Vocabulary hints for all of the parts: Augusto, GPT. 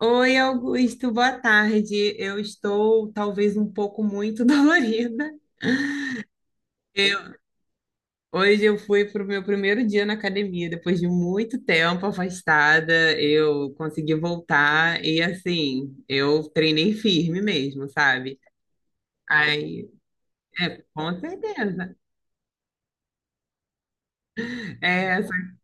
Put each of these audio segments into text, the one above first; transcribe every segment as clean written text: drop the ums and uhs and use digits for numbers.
Oi, Augusto, boa tarde. Eu estou talvez um pouco muito dolorida. Eu, hoje eu fui para o meu primeiro dia na academia, depois de muito tempo afastada, eu consegui voltar e assim, eu treinei firme mesmo, sabe? Aí, é, com certeza. É, só que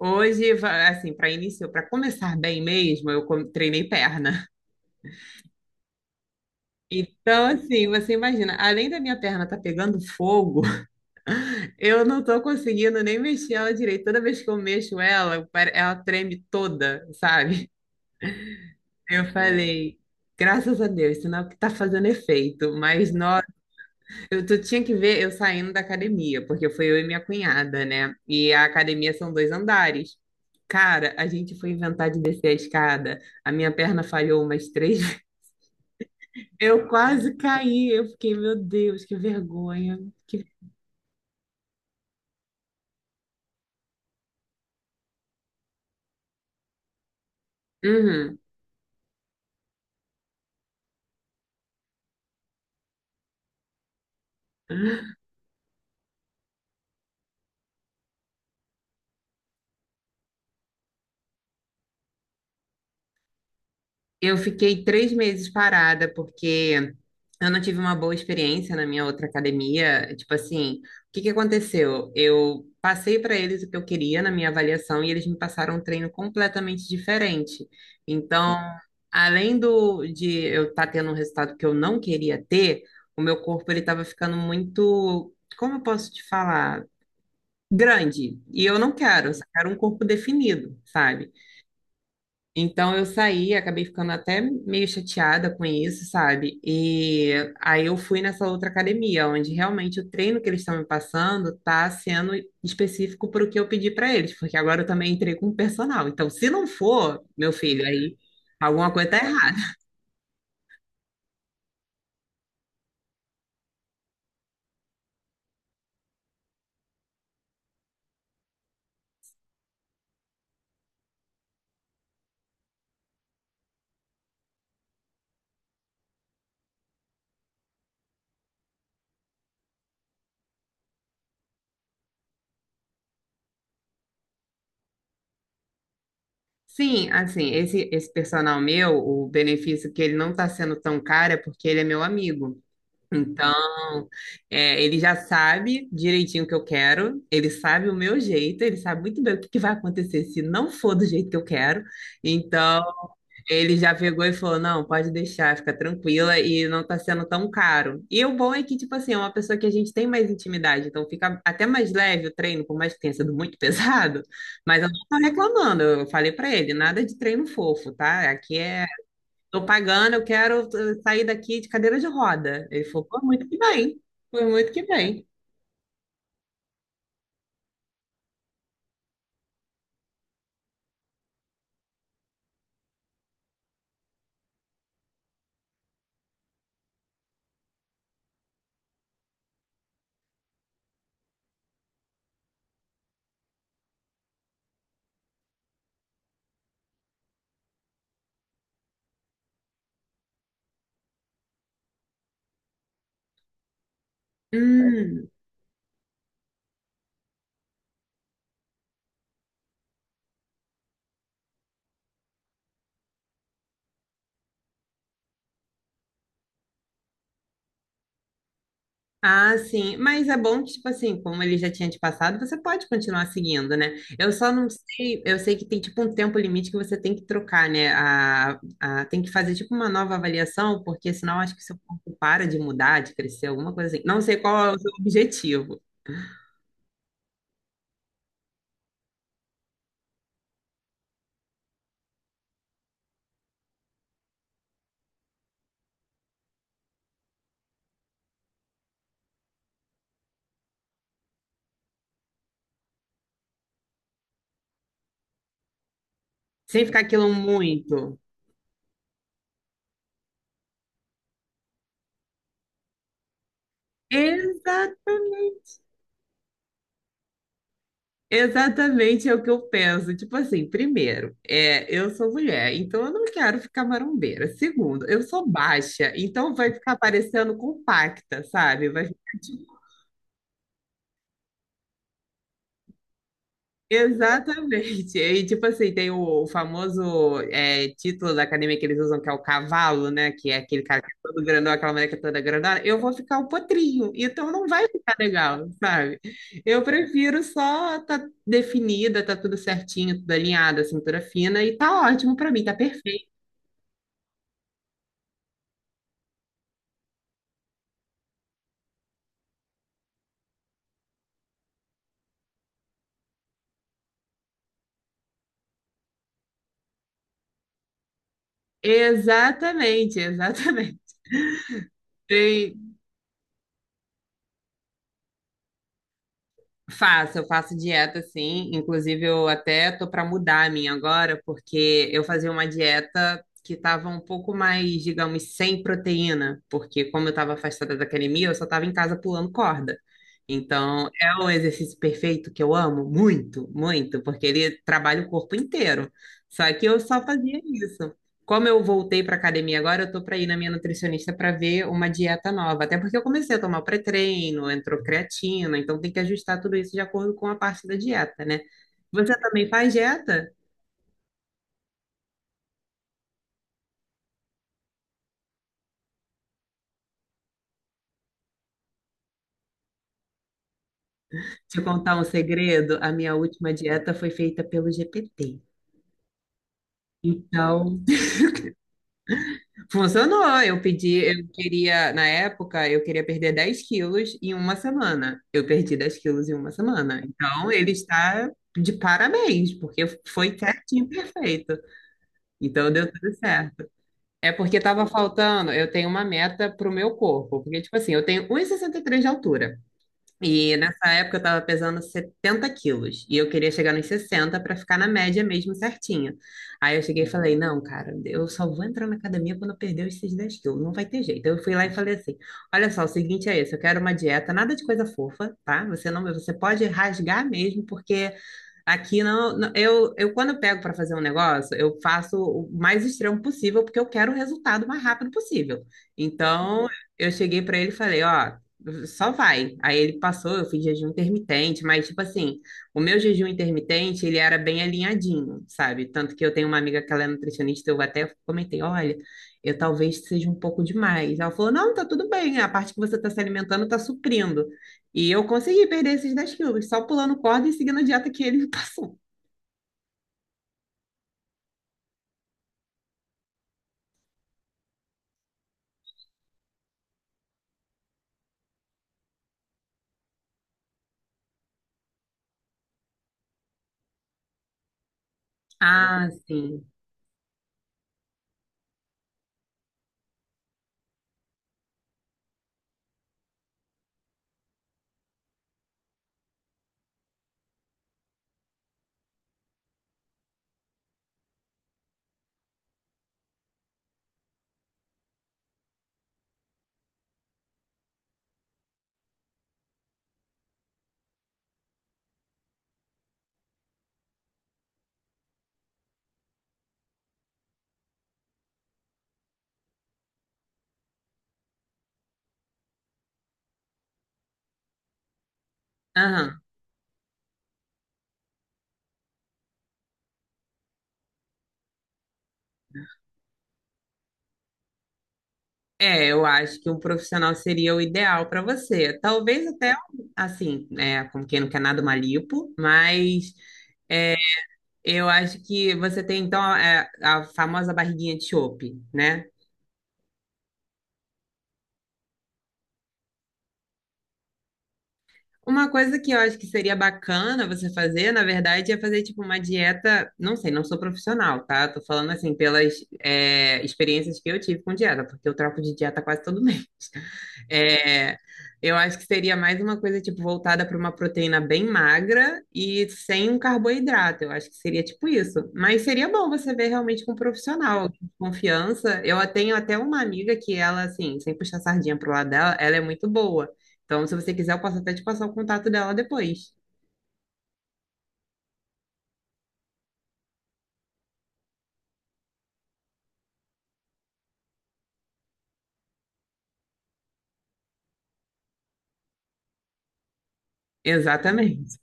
hoje, assim, para início, para começar bem mesmo, eu treinei perna. Então, assim, você imagina, além da minha perna estar pegando fogo, eu não tô conseguindo nem mexer ela direito. Toda vez que eu mexo ela, ela treme toda, sabe? Eu falei, graças a Deus, sinal que tá fazendo efeito. Mas nós, eu tu tinha que ver eu saindo da academia, porque foi eu e minha cunhada, né? E a academia são dois andares. Cara, a gente foi inventar de descer a escada. A minha perna falhou umas três vezes. Eu quase caí. Eu fiquei, meu Deus, que vergonha. Que... Uhum. Eu fiquei três meses parada, porque eu não tive uma boa experiência na minha outra academia. Tipo assim, o que que aconteceu? Eu passei para eles o que eu queria na minha avaliação e eles me passaram um treino completamente diferente. Então, além do de eu estar tendo um resultado que eu não queria ter, o meu corpo ele estava ficando muito, como eu posso te falar, grande. E eu não quero, eu só quero um corpo definido, sabe? Então eu saí, acabei ficando até meio chateada com isso, sabe? E aí eu fui nessa outra academia, onde realmente o treino que eles estão me passando tá sendo específico para o que eu pedi para eles, porque agora eu também entrei com personal. Então, se não for, meu filho, aí alguma coisa tá errada. Sim, assim, esse personal meu, o benefício que ele não tá sendo tão caro é porque ele é meu amigo. Então, é, ele já sabe direitinho o que eu quero, ele sabe o meu jeito, ele sabe muito bem o que que vai acontecer se não for do jeito que eu quero. Então, ele já pegou e falou: não, pode deixar, fica tranquila, e não tá sendo tão caro. E o bom é que, tipo assim, é uma pessoa que a gente tem mais intimidade, então fica até mais leve o treino, por mais que tenha sido muito pesado. Mas eu não tô reclamando, eu falei pra ele: nada de treino fofo, tá? Aqui é... Tô pagando, eu quero sair daqui de cadeira de roda. Ele falou, pô, muito que bem. Foi muito que bem. Hum, ah, sim. Mas é bom que, tipo assim, como ele já tinha te passado, você pode continuar seguindo, né? Eu só não sei, eu sei que tem tipo um tempo limite que você tem que trocar, né? Tem que fazer tipo uma nova avaliação, porque senão acho que seu corpo para de mudar, de crescer, alguma coisa assim. Não sei qual é o seu objetivo. Sem ficar aquilo muito. Exatamente. Exatamente é o que eu penso. Tipo assim, primeiro, é, eu sou mulher, então eu não quero ficar marombeira. Segundo, eu sou baixa, então vai ficar parecendo compacta, sabe? Vai ficar tipo... Exatamente. E tipo assim, tem o famoso é, título da academia que eles usam, que é o cavalo, né? Que é aquele cara que é todo grandão, aquela mulher que é toda grandona. Eu vou ficar o potrinho, então não vai ficar legal, sabe? Eu prefiro só tá definida, tá tudo certinho, tudo alinhado, a cintura fina, e tá ótimo pra mim, tá perfeito. Exatamente, exatamente. Tem... Faço, eu faço dieta sim. Inclusive, eu até tô para mudar a minha agora, porque eu fazia uma dieta que tava um pouco mais, digamos, sem proteína, porque como eu estava afastada da academia, eu só estava em casa pulando corda. Então, é o exercício perfeito que eu amo muito, muito, porque ele trabalha o corpo inteiro. Só que eu só fazia isso. Como eu voltei para academia agora, eu tô para ir na minha nutricionista para ver uma dieta nova. Até porque eu comecei a tomar o pré-treino, entrou creatina, então tem que ajustar tudo isso de acordo com a parte da dieta, né? Você também faz dieta? Te contar um segredo, a minha última dieta foi feita pelo GPT. Então, funcionou. Eu pedi, eu queria, na época, eu queria perder 10 quilos em uma semana. Eu perdi 10 quilos em uma semana. Então, ele está de parabéns, porque foi certinho, perfeito. Então deu tudo certo. É porque tava faltando, eu tenho uma meta pro meu corpo, porque tipo assim, eu tenho um e 63 de altura e nessa época eu tava pesando 70 quilos e eu queria chegar nos 60 para ficar na média mesmo certinha. Aí eu cheguei e falei, não, cara, eu só vou entrar na academia quando eu perder esses 10 quilos, não vai ter jeito. Eu fui lá e falei assim, olha só, o seguinte é esse, eu quero uma dieta, nada de coisa fofa, tá? Você não, você pode rasgar mesmo, porque aqui não, não- eu quando eu pego para fazer um negócio, eu faço o mais extremo possível, porque eu quero o resultado o mais rápido possível. Então, eu cheguei para ele e falei, ó, só vai. Aí ele passou, eu fiz jejum intermitente, mas tipo assim, o meu jejum intermitente, ele era bem alinhadinho, sabe? Tanto que eu tenho uma amiga que ela é nutricionista, eu até comentei, olha, eu talvez seja um pouco demais. Ela falou, não, tá tudo bem, a parte que você tá se alimentando tá suprindo. E eu consegui perder esses 10 quilos, só pulando corda e seguindo a dieta que ele me passou. Ah, sim. Aham. É, eu acho que um profissional seria o ideal para você. Talvez até, assim, é, como quem não quer nada, uma lipo, mas é, eu acho que você tem, então, é, a famosa barriguinha de chope, né? Uma coisa que eu acho que seria bacana você fazer, na verdade, é fazer tipo uma dieta. Não sei, não sou profissional, tá? Tô falando assim pelas é, experiências que eu tive com dieta, porque eu troco de dieta quase todo mês. É, eu acho que seria mais uma coisa tipo voltada para uma proteína bem magra e sem um carboidrato. Eu acho que seria tipo isso. Mas seria bom você ver realmente com um profissional alguém de confiança. Eu tenho até uma amiga que ela assim, sem puxar sardinha pro lado dela, ela é muito boa. Então, se você quiser, eu posso até te passar o contato dela depois. Exatamente.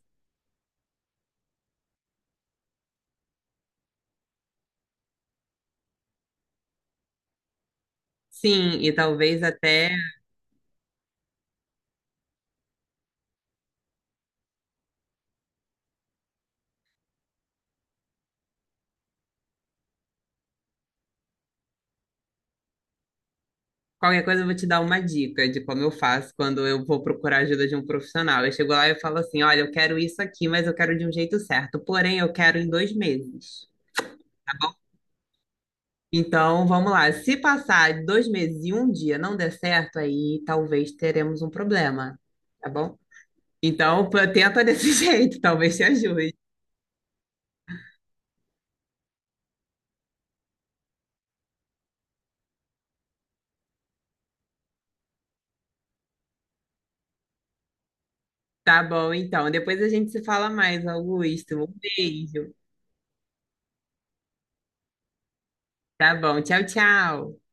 Sim, e talvez até... Qualquer coisa eu vou te dar uma dica de como eu faço quando eu vou procurar ajuda de um profissional. Eu chego lá e eu falo assim: olha, eu quero isso aqui, mas eu quero de um jeito certo. Porém, eu quero em dois meses. Então, vamos lá. Se passar dois meses e um dia não der certo, aí talvez teremos um problema, tá bom? Então, pô, tenta desse jeito, talvez te ajude. Tá bom, então. Depois a gente se fala mais, Augusto. Um beijo. Tá bom. Tchau, tchau.